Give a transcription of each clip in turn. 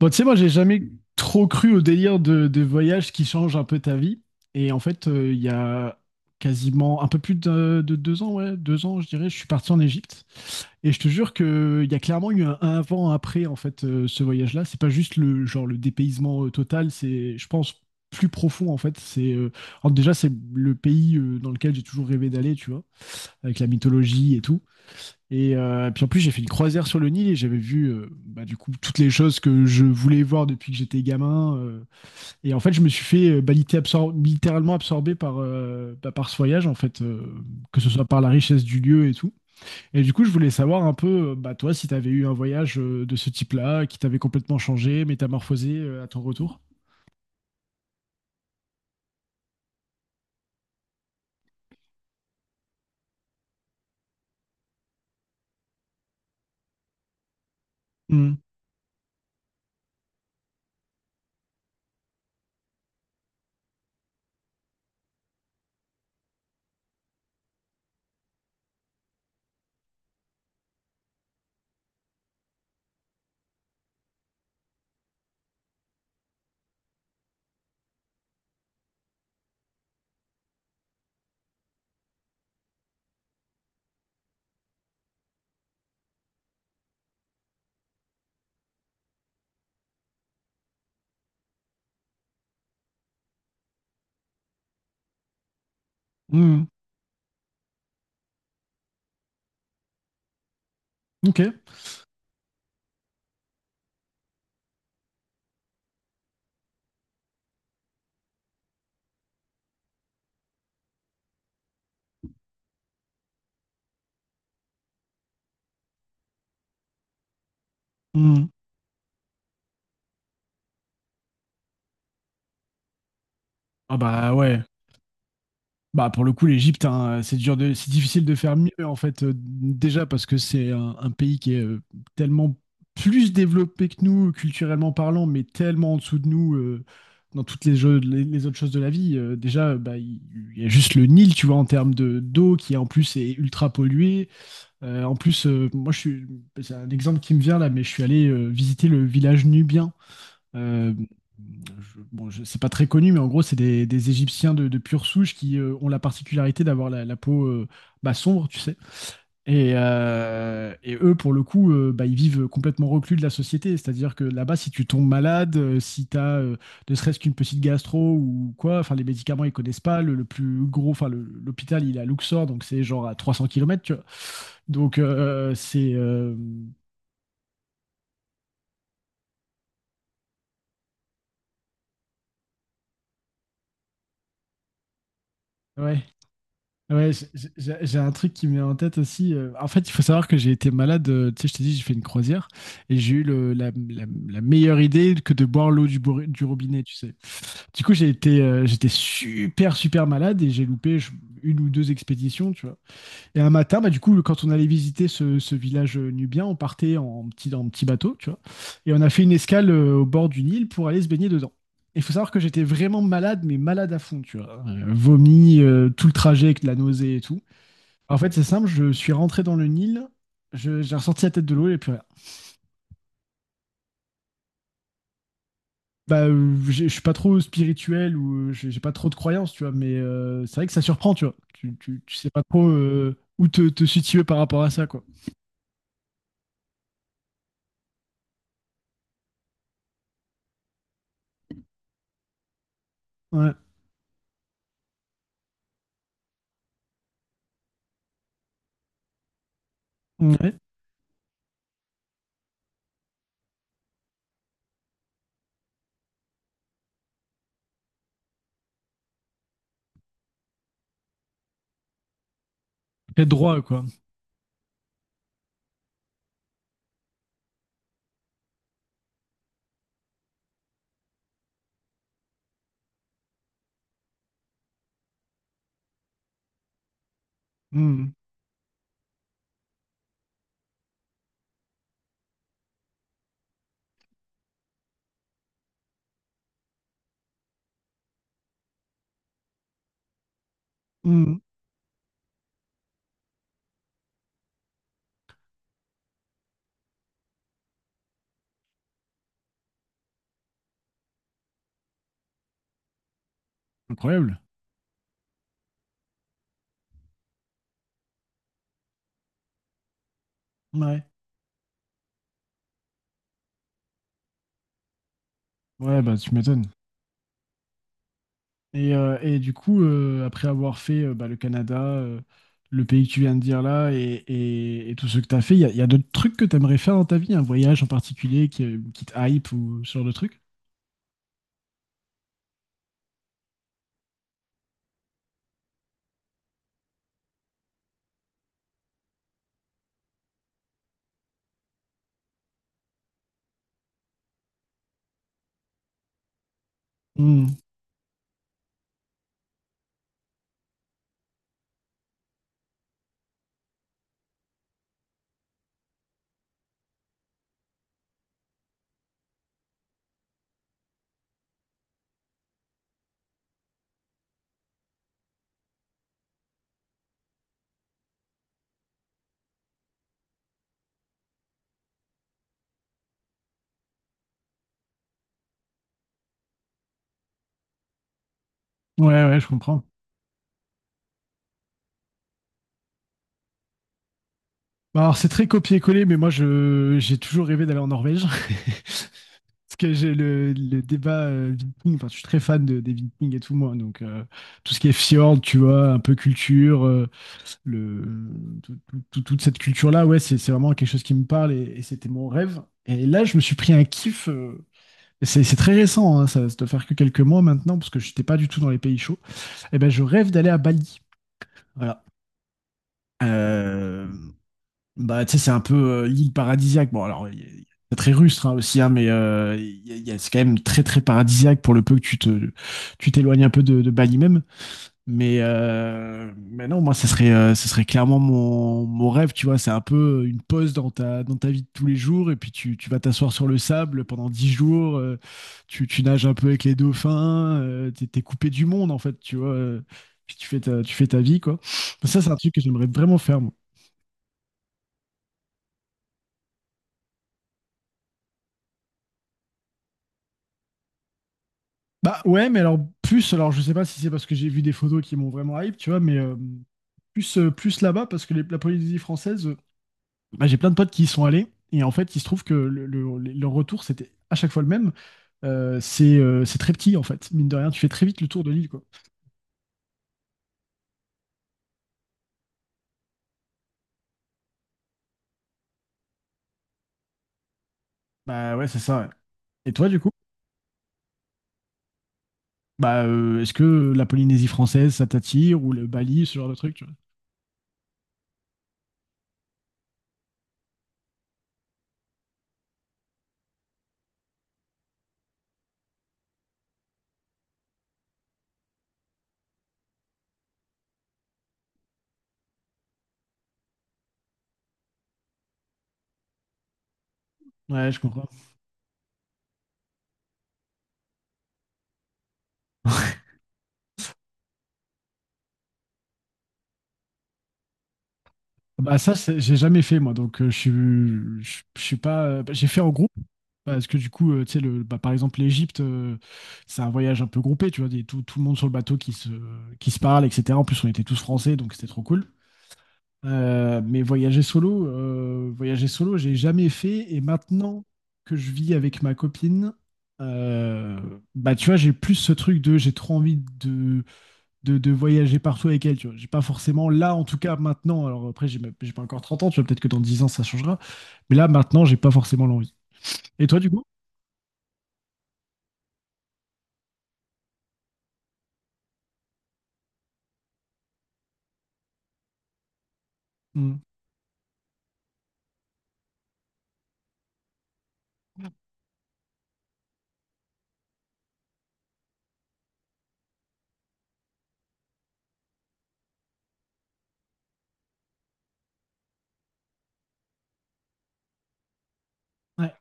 Bon, tu sais, moi, j'ai jamais trop cru au délire de voyage qui change un peu ta vie. Et en fait, il y a quasiment un peu plus de 2 ans, ouais, 2 ans, je dirais, je suis parti en Égypte. Et je te jure que il y a clairement eu un avant, un après, en fait, ce voyage-là. C'est pas juste le genre le dépaysement total, c'est, je pense, plus profond, en fait. Alors déjà, c'est le pays dans lequel j'ai toujours rêvé d'aller, tu vois, avec la mythologie et tout. Et puis en plus, j'ai fait une croisière sur le Nil et j'avais vu bah, du coup toutes les choses que je voulais voir depuis que j'étais gamin. Et en fait, je me suis fait bah, littéralement absorbé par ce voyage, en fait, que ce soit par la richesse du lieu et tout. Et du coup, je voulais savoir un peu, bah, toi, si tu avais eu un voyage de ce type-là, qui t'avait complètement changé, métamorphosé à ton retour. Hmm. Hmm. Ok. Hmm. Ah bah ouais. Bah pour le coup, l'Égypte, hein, c'est difficile de faire mieux en fait. Déjà parce que c'est un pays qui est tellement plus développé que nous culturellement parlant, mais tellement en dessous de nous dans toutes les autres choses de la vie. Déjà, bah, il y a juste le Nil, tu vois, en termes de d'eau qui en plus est ultra polluée. En plus, c'est un exemple qui me vient là, mais je suis allé visiter le village nubien. Euh, c'est pas très connu, mais en gros, c'est des Égyptiens de pure souche qui ont la particularité d'avoir la peau bah, sombre, tu sais. Et eux, pour le coup, bah, ils vivent complètement reclus de la société. C'est-à-dire que là-bas, si tu tombes malade, si tu as ne serait-ce qu'une petite gastro ou quoi, enfin, les médicaments, ils connaissent pas. Le plus gros, enfin, l'hôpital, il est à Luxor, donc c'est genre à 300 kilomètres, tu vois. Donc, c'est. Ouais, ouais, j'ai un truc qui me vient en tête aussi. En fait, il faut savoir que j'ai été malade. Tu sais, je t'ai dit, j'ai fait une croisière et j'ai eu la meilleure idée que de boire l'eau du robinet, tu sais. Du coup, j'étais super, super malade et j'ai loupé une ou deux expéditions, tu vois. Et un matin, bah, du coup, quand on allait visiter ce village nubien, on partait en petit bateau, tu vois. Et on a fait une escale au bord d'une île pour aller se baigner dedans. Il faut savoir que j'étais vraiment malade, mais malade à fond, tu vois. Vomi, tout le trajet avec de la nausée et tout. En fait, c'est simple, je suis rentré dans le Nil, j'ai ressorti la tête de l'eau et plus rien. Bah, je suis pas trop spirituel ou j'ai pas trop de croyances, tu vois, mais c'est vrai que ça surprend, tu vois. Tu sais pas trop où te situer par rapport à ça, quoi. Ouais. Ouais. Très droit, quoi. Mmh. Mmh. Incroyable. Ouais, ouais, bah, tu m'étonnes. Et du coup, après avoir fait, bah, le Canada, le pays que tu viens de dire là et tout ce que tu as fait, il y a d'autres trucs que tu aimerais faire dans ta vie? Un voyage en particulier qui te hype ou ce genre de truc? Mmh. Ouais, ouais, je comprends. Bah, alors c'est très copier-coller, mais moi je j'ai toujours rêvé d'aller en Norvège. Parce que j'ai le débat, viking, enfin je suis très fan de des Vikings et tout moi, donc tout ce qui est fjord, tu vois, un peu culture, le, tout- tout- tout- toute cette culture-là, ouais, c'est vraiment quelque chose qui me parle et c'était mon rêve. Et là, je me suis pris un kiff. C'est très récent, hein, ça doit faire que quelques mois maintenant, parce que je n'étais pas du tout dans les pays chauds. Et ben, je rêve d'aller à Bali. Voilà. Euh, bah, tu sais, c'est un peu l'île paradisiaque. Bon, alors, c'est très rustre hein, aussi, hein, mais c'est quand même très, très paradisiaque pour le peu que tu t'éloignes un peu de Bali même. Mais non, moi, ce serait clairement mon rêve, tu vois. C'est un peu une pause dans ta vie de tous les jours. Et puis, tu vas t'asseoir sur le sable pendant 10 jours. Tu nages un peu avec les dauphins. T'es coupé du monde, en fait, tu vois. Puis, tu fais ta vie, quoi. Ça, c'est un truc que j'aimerais vraiment faire, moi. Bah ouais, mais alors, plus, alors, je sais pas si c'est parce que j'ai vu des photos qui m'ont vraiment hype, tu vois, mais plus là-bas, parce que la Polynésie française. Bah, j'ai plein de potes qui y sont allés. Et en fait, il se trouve que le retour, c'était à chaque fois le même. C'est très petit, en fait. Mine de rien, tu fais très vite le tour de l'île, quoi. Bah ouais, c'est ça. Ouais. Et toi, du coup? Bah, est-ce que la Polynésie française, ça t'attire? Ou le Bali, ce genre de truc, tu vois? Ouais, je comprends. Bah ça, j'ai jamais fait moi, donc je suis pas. Bah, j'ai fait en groupe parce que du coup, tu sais, bah, par exemple l'Égypte, c'est un voyage un peu groupé, tu vois, tout le monde sur le bateau qui se parle, etc. En plus, on était tous français, donc c'était trop cool. Mais voyager solo, j'ai jamais fait. Et maintenant que je vis avec ma copine, euh, bah tu vois, j'ai plus ce truc de j'ai trop envie de voyager partout avec elle. Tu vois, j'ai pas forcément là, en tout cas maintenant. Alors après, j'ai pas encore 30 ans. Tu vois, peut-être que dans 10 ans ça changera. Mais là, maintenant, j'ai pas forcément l'envie. Et toi, du coup? Hmm. Ouais.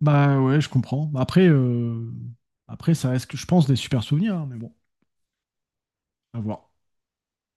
Bah ouais, je comprends. Après, ça reste, je pense, des super souvenirs, hein, mais bon, à voir.